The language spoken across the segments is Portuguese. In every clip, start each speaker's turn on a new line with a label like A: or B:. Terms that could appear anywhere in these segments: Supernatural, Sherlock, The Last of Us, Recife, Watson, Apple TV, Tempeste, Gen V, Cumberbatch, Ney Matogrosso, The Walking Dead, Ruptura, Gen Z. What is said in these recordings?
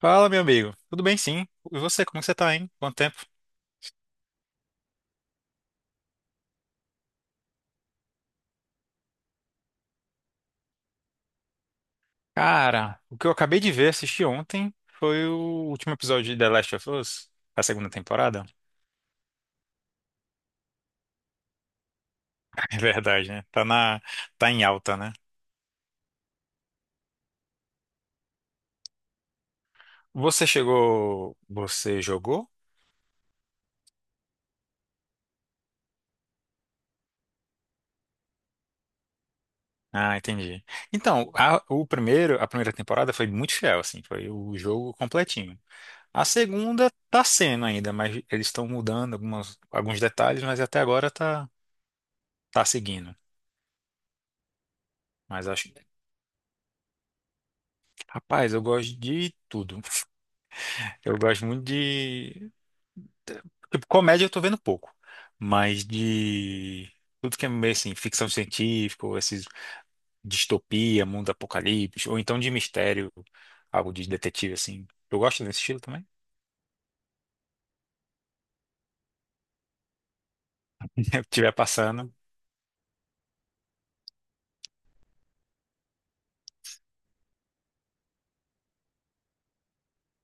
A: Fala, meu amigo. Tudo bem, sim. E você, como que você tá, hein? Quanto tempo? Cara, o que eu acabei de ver, assisti ontem, foi o último episódio de The Last of Us, a segunda temporada. É verdade, né? Tá em alta, né? Você jogou? Ah, entendi. Então, a primeira temporada foi muito fiel, assim, foi o jogo completinho. A segunda tá sendo ainda, mas eles estão mudando alguns detalhes, mas até agora tá seguindo. Mas acho, Rapaz, eu gosto de tudo. Eu gosto muito de. Tipo, comédia eu tô vendo pouco. Mas de. Tudo que é meio assim, ficção científica, ou esses distopia, mundo apocalipse, ou então de mistério, algo de detetive, assim. Eu gosto desse estilo também. Se tiver passando.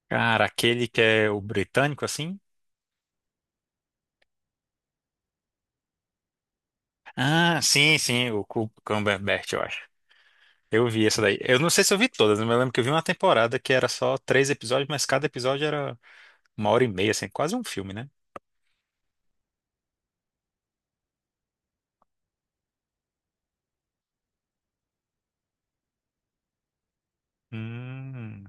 A: Cara, aquele que é o britânico, assim. Ah, sim, sim, o Cumberbatch, eu acho. Eu vi essa daí. Eu não sei se eu vi todas, mas eu lembro que eu vi uma temporada que era só três episódios, mas cada episódio era. Uma hora e meia, assim, quase um filme, né? Hum.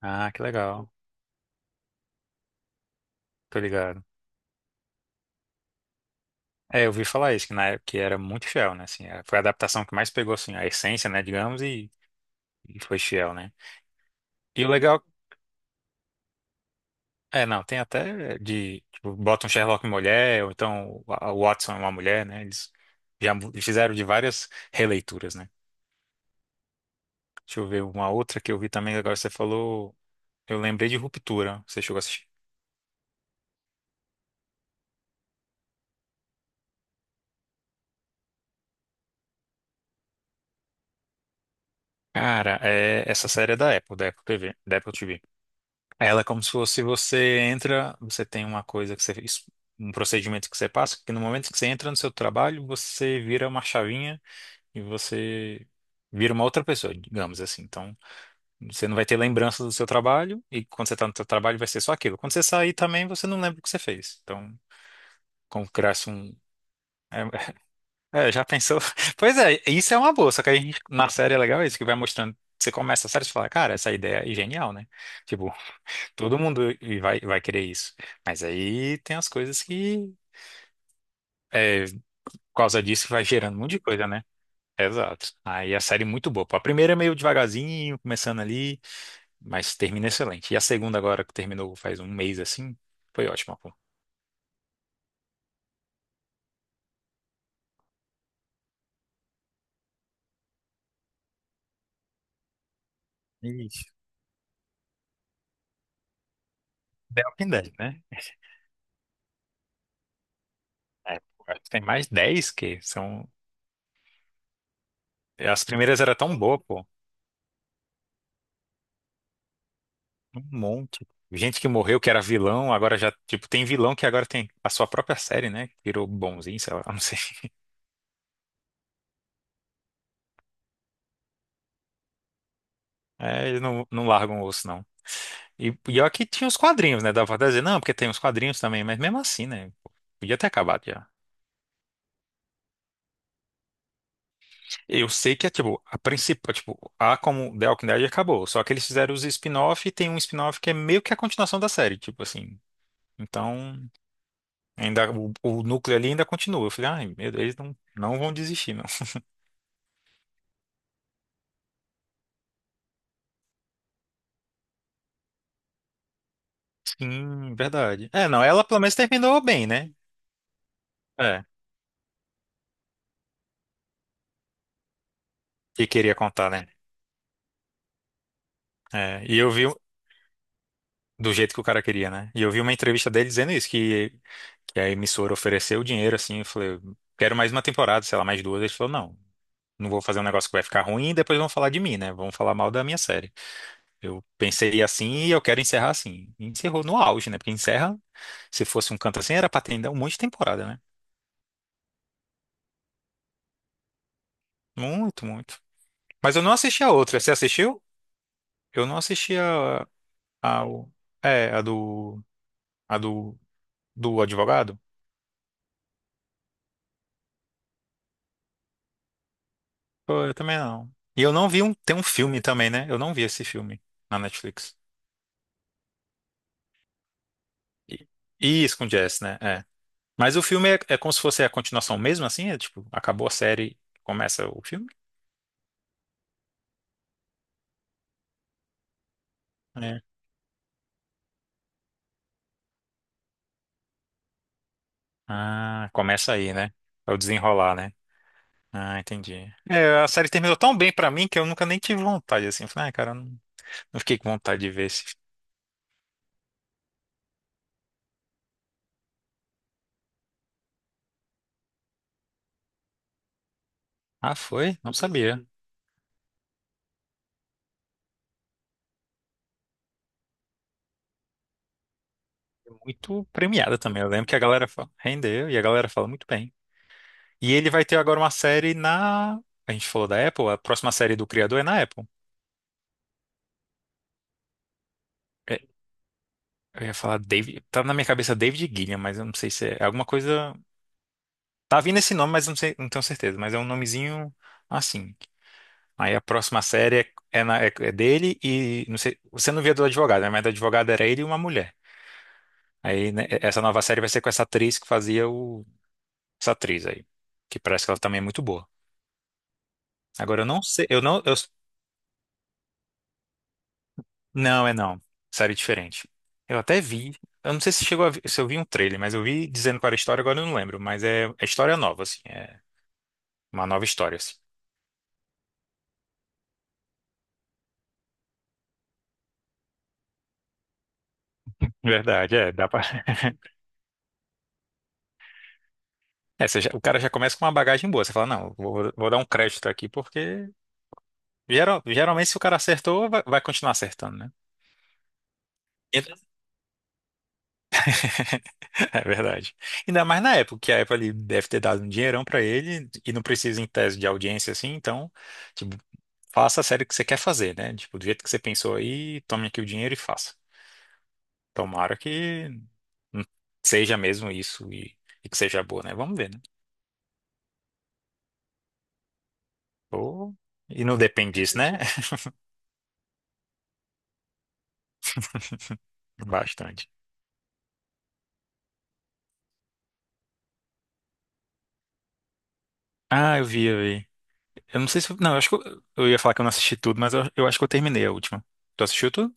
A: Ah, que legal. Tô ligado. É, eu ouvi falar isso, que na época que era muito fiel, né? Assim, foi a adaptação que mais pegou, assim, a essência, né, digamos, e foi fiel, né? E o legal... É, não, tem até é, de... Tipo, bota um Sherlock mulher, ou então o Watson é uma mulher, né? Eles já fizeram de várias releituras, né? Deixa eu ver uma outra que eu vi também, agora você falou... Eu lembrei de Ruptura, você chegou a assistir. Cara, é, essa série é da Apple TV, da Apple TV. Ela é como se fosse você entra, você tem uma coisa que você fez, um procedimento que você passa, que no momento que você entra no seu trabalho, você vira uma chavinha e você vira uma outra pessoa, digamos assim. Então, você não vai ter lembrança do seu trabalho e quando você está no seu trabalho vai ser só aquilo. Quando você sair também, você não lembra o que você fez. Então, como criasse um é, é, já pensou? Pois é, isso é uma boa, só que a gente, na série é legal isso, que vai mostrando, você começa a série e você fala, cara, essa ideia é genial, né? Tipo, todo mundo e vai querer isso. Mas aí tem as coisas que, por causa disso, vai gerando um monte de coisa, né? Exato. Aí a série é muito boa. Pô, a primeira é meio devagarzinho, começando ali, mas termina excelente. E a segunda, agora que terminou faz um mês assim, foi ótima, pô. Ixi. The Walking Dead, né? É, pô, acho que tem mais 10 que são. As primeiras eram tão boas, pô. Um monte. Gente que morreu, que era vilão, agora já, tipo, tem vilão que agora tem a sua própria série, né? Virou bonzinho, sei lá, não sei. É, eles não largam o osso, não. E pior que tinha os quadrinhos, né? Dava pra dizer, não, porque tem os quadrinhos também, mas mesmo assim, né? Podia ter acabado já. Eu sei que é, tipo, a principal, tipo, a como The Walking Dead acabou, só que eles fizeram os spin-off e tem um spin-off que é meio que a continuação da série, tipo assim. Então, ainda, o núcleo ali ainda continua. Eu falei, ai, meu Deus, eles não vão desistir, não. Sim, verdade. É, não, ela pelo menos terminou bem, né? É, que queria contar, né? É, e eu vi, do jeito que o cara queria, né? E eu vi uma entrevista dele dizendo isso, que a emissora ofereceu o dinheiro, assim, eu falei, quero mais uma temporada, sei lá, mais duas. Ele falou, não, não vou fazer um negócio que vai ficar ruim e depois vão falar de mim, né? Vão falar mal da minha série. Eu pensei assim e eu quero encerrar assim. E encerrou no auge, né? Porque encerra, se fosse um canto assim, era pra ter ainda um monte de temporada, né? Muito, muito. Mas eu não assisti a outra. Você assistiu? Eu não assisti a, o- é, a do, do advogado. Pô, eu também não. E eu não vi um. Tem um filme também, né? Eu não vi esse filme na Netflix. E, e isso com Jess, né? É. Mas o filme é, é como se fosse a continuação mesmo, assim? É tipo, acabou a série, começa o filme? É. Ah, começa aí, né? É o desenrolar, né? Ah, entendi. É, a série terminou tão bem pra mim que eu nunca nem tive vontade, assim. Eu falei, ah, cara, eu não fiquei com vontade de ver esse. Ah, foi? Não sabia. Muito premiada também. Eu lembro que a galera fala, rendeu e a galera fala muito bem. E ele vai ter agora uma série na. A gente falou da Apple, a próxima série do criador é na Apple. É, eu ia falar David. Tá na minha cabeça David Gilliam, mas eu não sei se é alguma coisa. Tá vindo esse nome, mas eu não sei, não tenho certeza. Mas é um nomezinho assim. Aí a próxima série é dele e não sei. Você não via do advogado, né? Mas do advogado era ele e uma mulher. Aí né, é, essa nova série vai ser com essa atriz que fazia o. Essa atriz aí. Que parece que ela também é muito boa. Agora eu não sei. Eu não. Eu não, é não. Série diferente. Eu até vi. Eu não sei se chegou a se eu vi um trailer, mas eu vi dizendo qual era a história, agora eu não lembro. Mas é, é história nova, assim. É uma nova história, assim. Verdade, é. Dá pra... É, você o cara já começa com uma bagagem boa. Você fala, não, vou, vou dar um crédito aqui, porque geralmente se o cara acertou, vai continuar acertando, né? É verdade. Ainda mais na época, que a Apple ali deve ter dado um dinheirão pra ele e não precisa em tese de audiência assim, então, tipo, faça a série que você quer fazer, né? Tipo, do jeito que você pensou aí, tome aqui o dinheiro e faça. Tomara que hum, seja mesmo isso e que seja boa, né? Vamos ver, né? Ou- E não depende disso, né? Bastante. Ah, eu vi, eu vi. Eu não sei se. Não, eu acho que eu ia falar que eu não assisti tudo, mas eu acho que eu terminei a última. Tu assistiu tudo?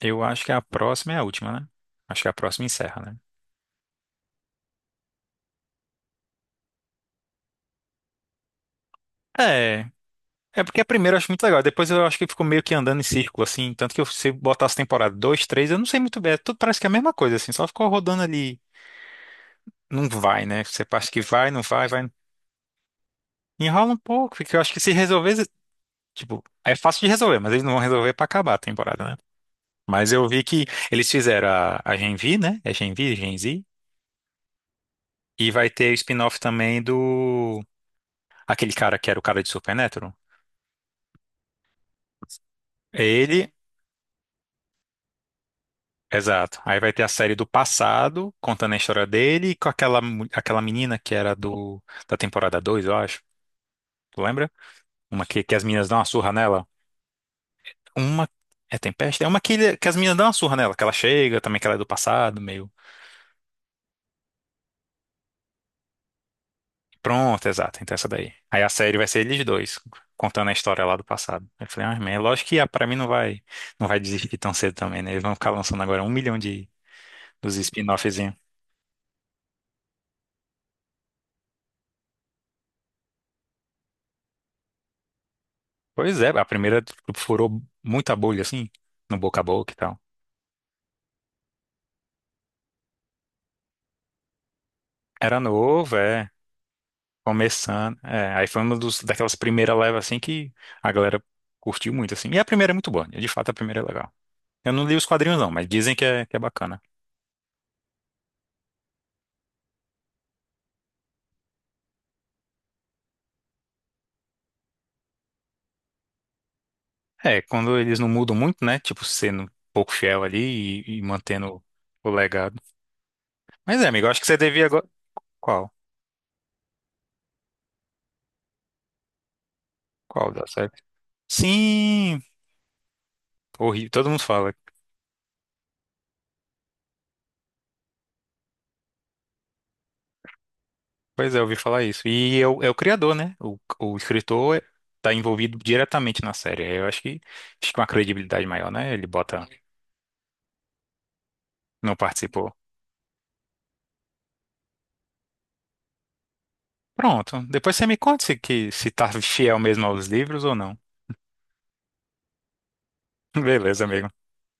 A: Eu acho que a próxima é a última, né? Acho que a próxima encerra, né? É. É porque a primeira eu acho muito legal, depois eu acho que ficou meio que andando em círculo, assim, tanto que se eu botasse temporada 2, 3, eu não sei muito bem, é tudo parece que é a mesma coisa, assim, só ficou rodando ali, não vai, né? Você acha que vai, não vai, vai, enrola um pouco, porque eu acho que se resolver, tipo, é fácil de resolver, mas eles não vão resolver pra acabar a temporada, né? Mas eu vi que eles fizeram a Gen V, né? É Gen V, Gen Z, e vai ter o spin-off também do, aquele cara que era o cara de Supernatural. Ele. Exato. Aí vai ter a série do passado, contando a história dele, e com aquela, aquela menina que era do da temporada 2 eu acho. Tu lembra? Uma que as meninas dão uma surra nela. Uma. É Tempeste? É uma que, que as meninas dão uma surra nela, que ela chega, também que ela é do passado, meio. Pronto, exato. Então essa daí. Aí a série vai ser eles dois, contando a história lá do passado. Aí eu falei, ah, man, lógico que ah, pra mim não vai desistir tão cedo também, né? Eles vão ficar lançando agora um milhão de dos spin-offzinhos. Pois é, a primeira furou muita bolha, assim, no boca a boca e tal. Era novo, é. Começando. É, aí foi uma dos, daquelas primeiras levas assim que a galera curtiu muito, assim. E a primeira é muito boa. De fato, a primeira é legal. Eu não li os quadrinhos, não, mas dizem que é bacana. É, quando eles não mudam muito, né? Tipo, sendo um pouco fiel ali e mantendo o legado. Mas é, amigo, eu acho que você devia agora. Qual? Qual da série? Sim! Horrível. Todo mundo fala. Pois é, eu ouvi falar isso. E é o criador, né? o, escritor está envolvido diretamente na série. Eu acho que uma credibilidade maior, né? Ele bota, não participou. Pronto. Depois você me conta se, que, se tá fiel mesmo aos livros ou não. Beleza, amigo.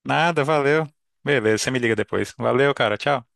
A: Nada, valeu. Beleza, você me liga depois. Valeu, cara. Tchau.